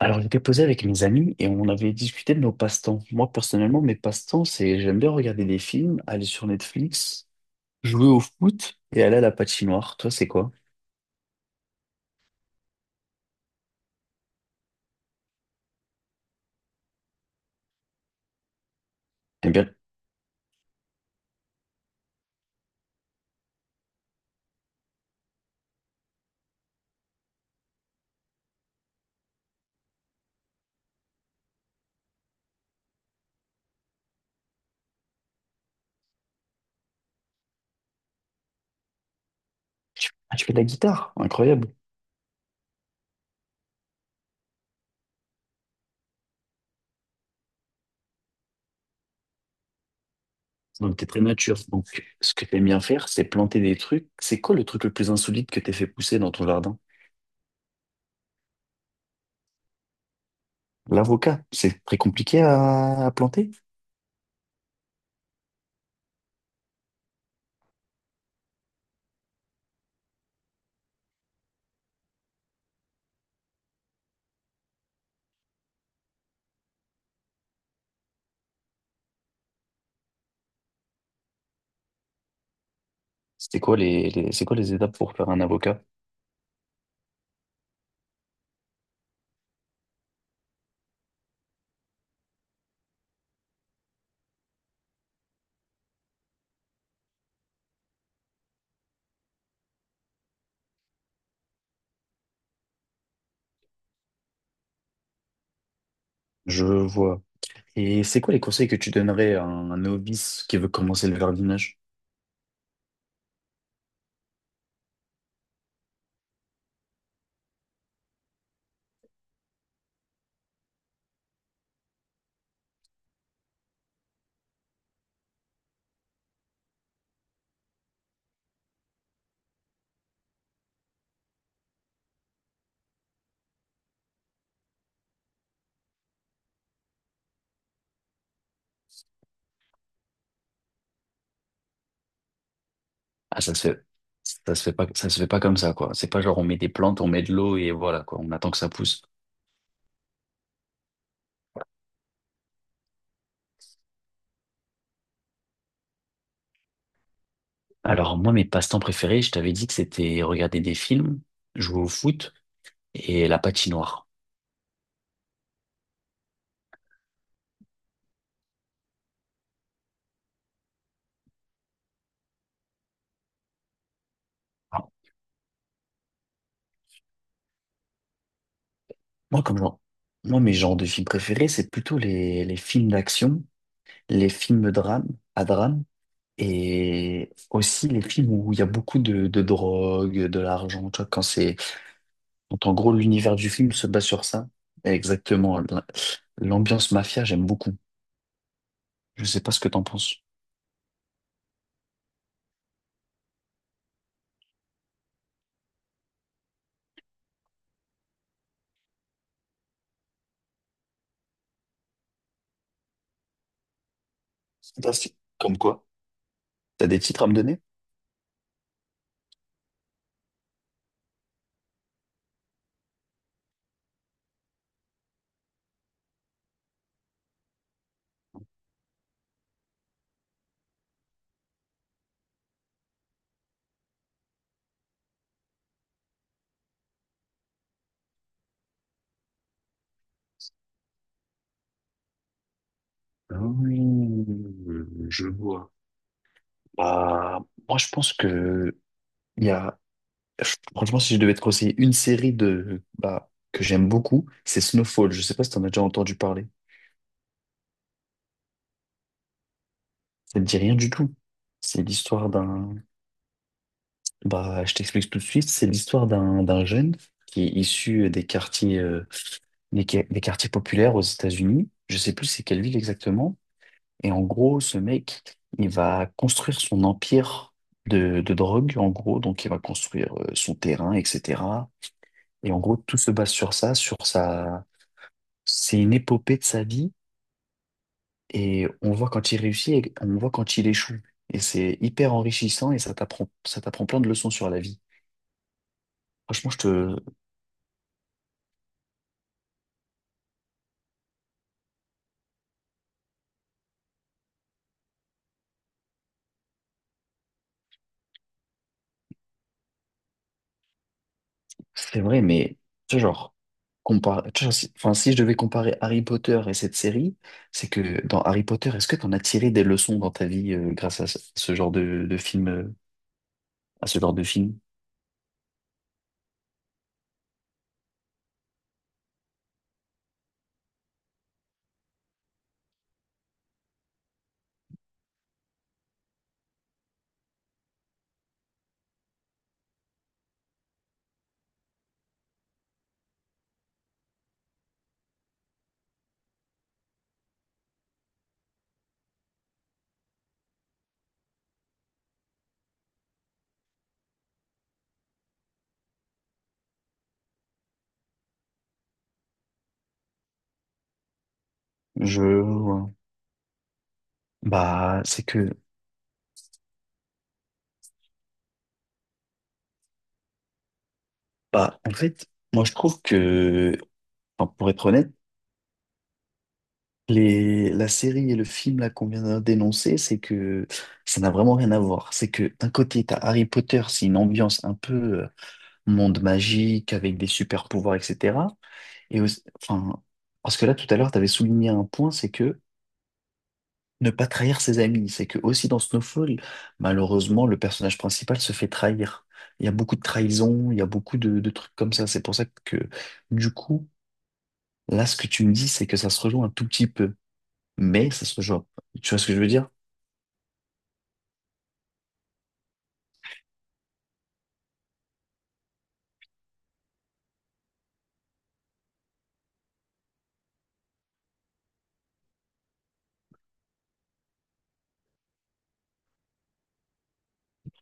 Alors, j'étais posé avec mes amis et on avait discuté de nos passe-temps. Moi, personnellement, mes passe-temps, c'est j'aime bien regarder des films, aller sur Netflix, jouer au foot et aller à la patinoire. Toi, c'est quoi? T'aimes bien... Ah, tu fais de la guitare, incroyable. Donc, t'es très nature. Donc, ce que t'aimes bien faire, c'est planter des trucs. C'est quoi le truc le plus insolite que t'aies fait pousser dans ton jardin? L'avocat, c'est très compliqué à planter. C'était quoi les, c'est quoi les étapes pour faire un avocat? Je vois. Et c'est quoi les conseils que tu donnerais à un novice qui veut commencer le jardinage? Ah, ça se fait pas, ça se fait pas comme ça, quoi. C'est pas genre on met des plantes, on met de l'eau et voilà, quoi. On attend que ça pousse. Alors, moi, mes passe-temps préférés, je t'avais dit que c'était regarder des films, jouer au foot et la patinoire. Alors, moi, comme genre, moi, mes genres de films préférés, c'est plutôt les films d'action, les films drame, à drame et aussi les films où il y a beaucoup de drogue, de l'argent, tu vois, quand c'est, quand en gros, l'univers du film se base sur ça. Exactement. L'ambiance mafia, j'aime beaucoup. Je sais pas ce que t'en penses. Fantastique. Comme quoi? T'as des titres à me donner? Mmh, je vois. Bah, moi, je pense que il y a, franchement, si je devais te conseiller une série de, bah, que j'aime beaucoup, c'est Snowfall. Je sais pas si t'en as déjà entendu parler. Ça te dit rien du tout. C'est l'histoire d'un, bah, je t'explique tout de suite. C'est l'histoire d'un, d'un jeune qui est issu des quartiers, des, des quartiers populaires aux États-Unis. Je sais plus c'est quelle ville exactement. Et en gros, ce mec, il va construire son empire de drogue, en gros. Donc, il va construire son terrain, etc. Et en gros, tout se base sur ça, sur sa... C'est une épopée de sa vie. Et on voit quand il réussit et on voit quand il échoue. Et c'est hyper enrichissant et ça t'apprend plein de leçons sur la vie. Franchement, je te... C'est vrai, mais ce genre, tu vois, enfin, si je devais comparer Harry Potter et cette série, c'est que dans Harry Potter, est-ce que tu en as tiré des leçons dans ta vie grâce à ce genre de film, à ce genre de film? Je vois. Bah, c'est que, bah, en fait, moi je trouve que, enfin, pour être honnête, les, la série et le film là qu'on vient de d'énoncer, c'est que ça n'a vraiment rien à voir. C'est que d'un côté, t'as Harry Potter, c'est une ambiance un peu euh, monde magique avec des super pouvoirs, etc. Enfin, parce que là, tout à l'heure, tu avais souligné un point, c'est que ne pas trahir ses amis. C'est que aussi dans Snowfall, malheureusement, le personnage principal se fait trahir. Il y a beaucoup de trahison, il y a beaucoup de trucs comme ça. C'est pour ça que, du coup, là, ce que tu me dis, c'est que ça se rejoint un tout petit peu. Mais ça se rejoint. Tu vois ce que je veux dire?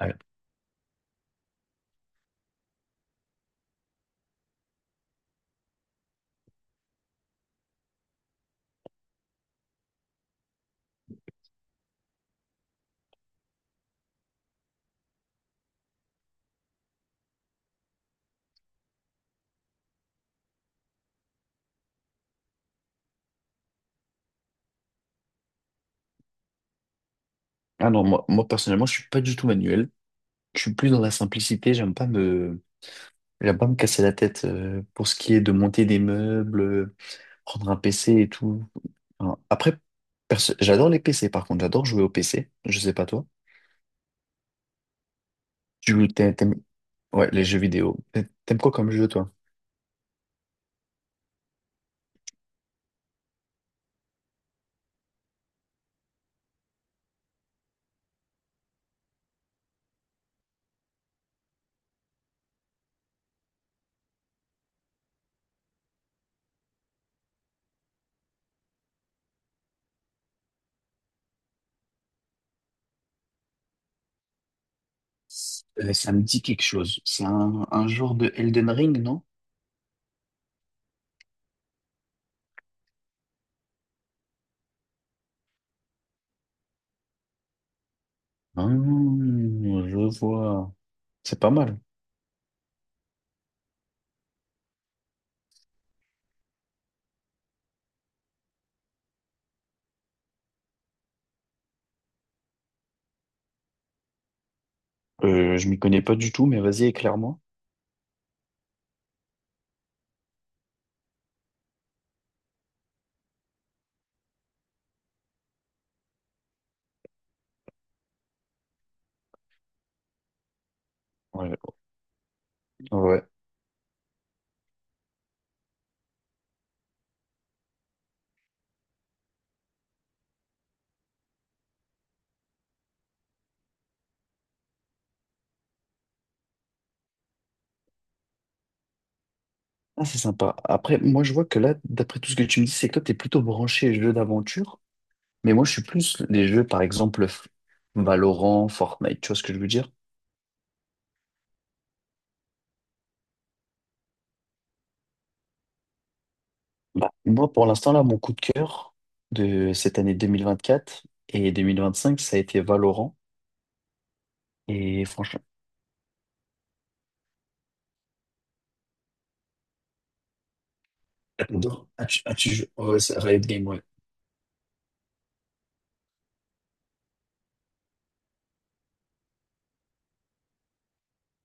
Ouais. Ah non, moi, moi, personnellement, je suis pas du tout manuel. Je suis plus dans la simplicité. J'aime pas me casser la tête pour ce qui est de monter des meubles, prendre un PC et tout. Enfin, après, j'adore les PC par contre, j'adore jouer au PC. Je sais pas toi. Tu joues- t'aimes, t'aimes- ouais, les jeux vidéo. T'aimes quoi comme jeu toi? Ça me dit quelque chose. C'est un genre de Elden Ring, non? Ah, je vois. C'est pas mal. Je m'y connais pas du tout, mais vas-y, éclaire-moi. Ouais. Ouais. Ah, c'est sympa. Après, moi, je vois que là, d'après tout ce que tu me dis, c'est que toi, t'es plutôt branché jeu d'aventure. Mais moi, je suis plus les jeux, par exemple, Valorant, Fortnite, tu vois ce que je veux dire? Bah, moi, pour l'instant, là, mon coup de cœur de cette année 2024 et 2025, ça a été Valorant. Et franchement, j'adore. Ah, tu joues. Oh, ouais, c'est Riot Games, ouais.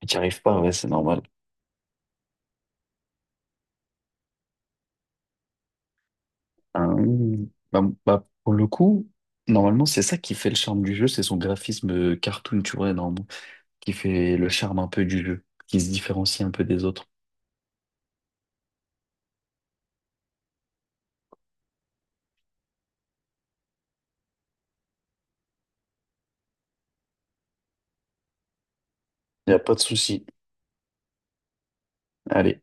Tu n'y arrives pas, ouais, c'est normal. Hein, bah, bah, pour le coup, normalement, c'est ça qui fait le charme du jeu, c'est son graphisme cartoon, tu vois, normalement, qui fait le charme un peu du jeu, qui se différencie un peu des autres. Il n'y a pas de souci. Allez.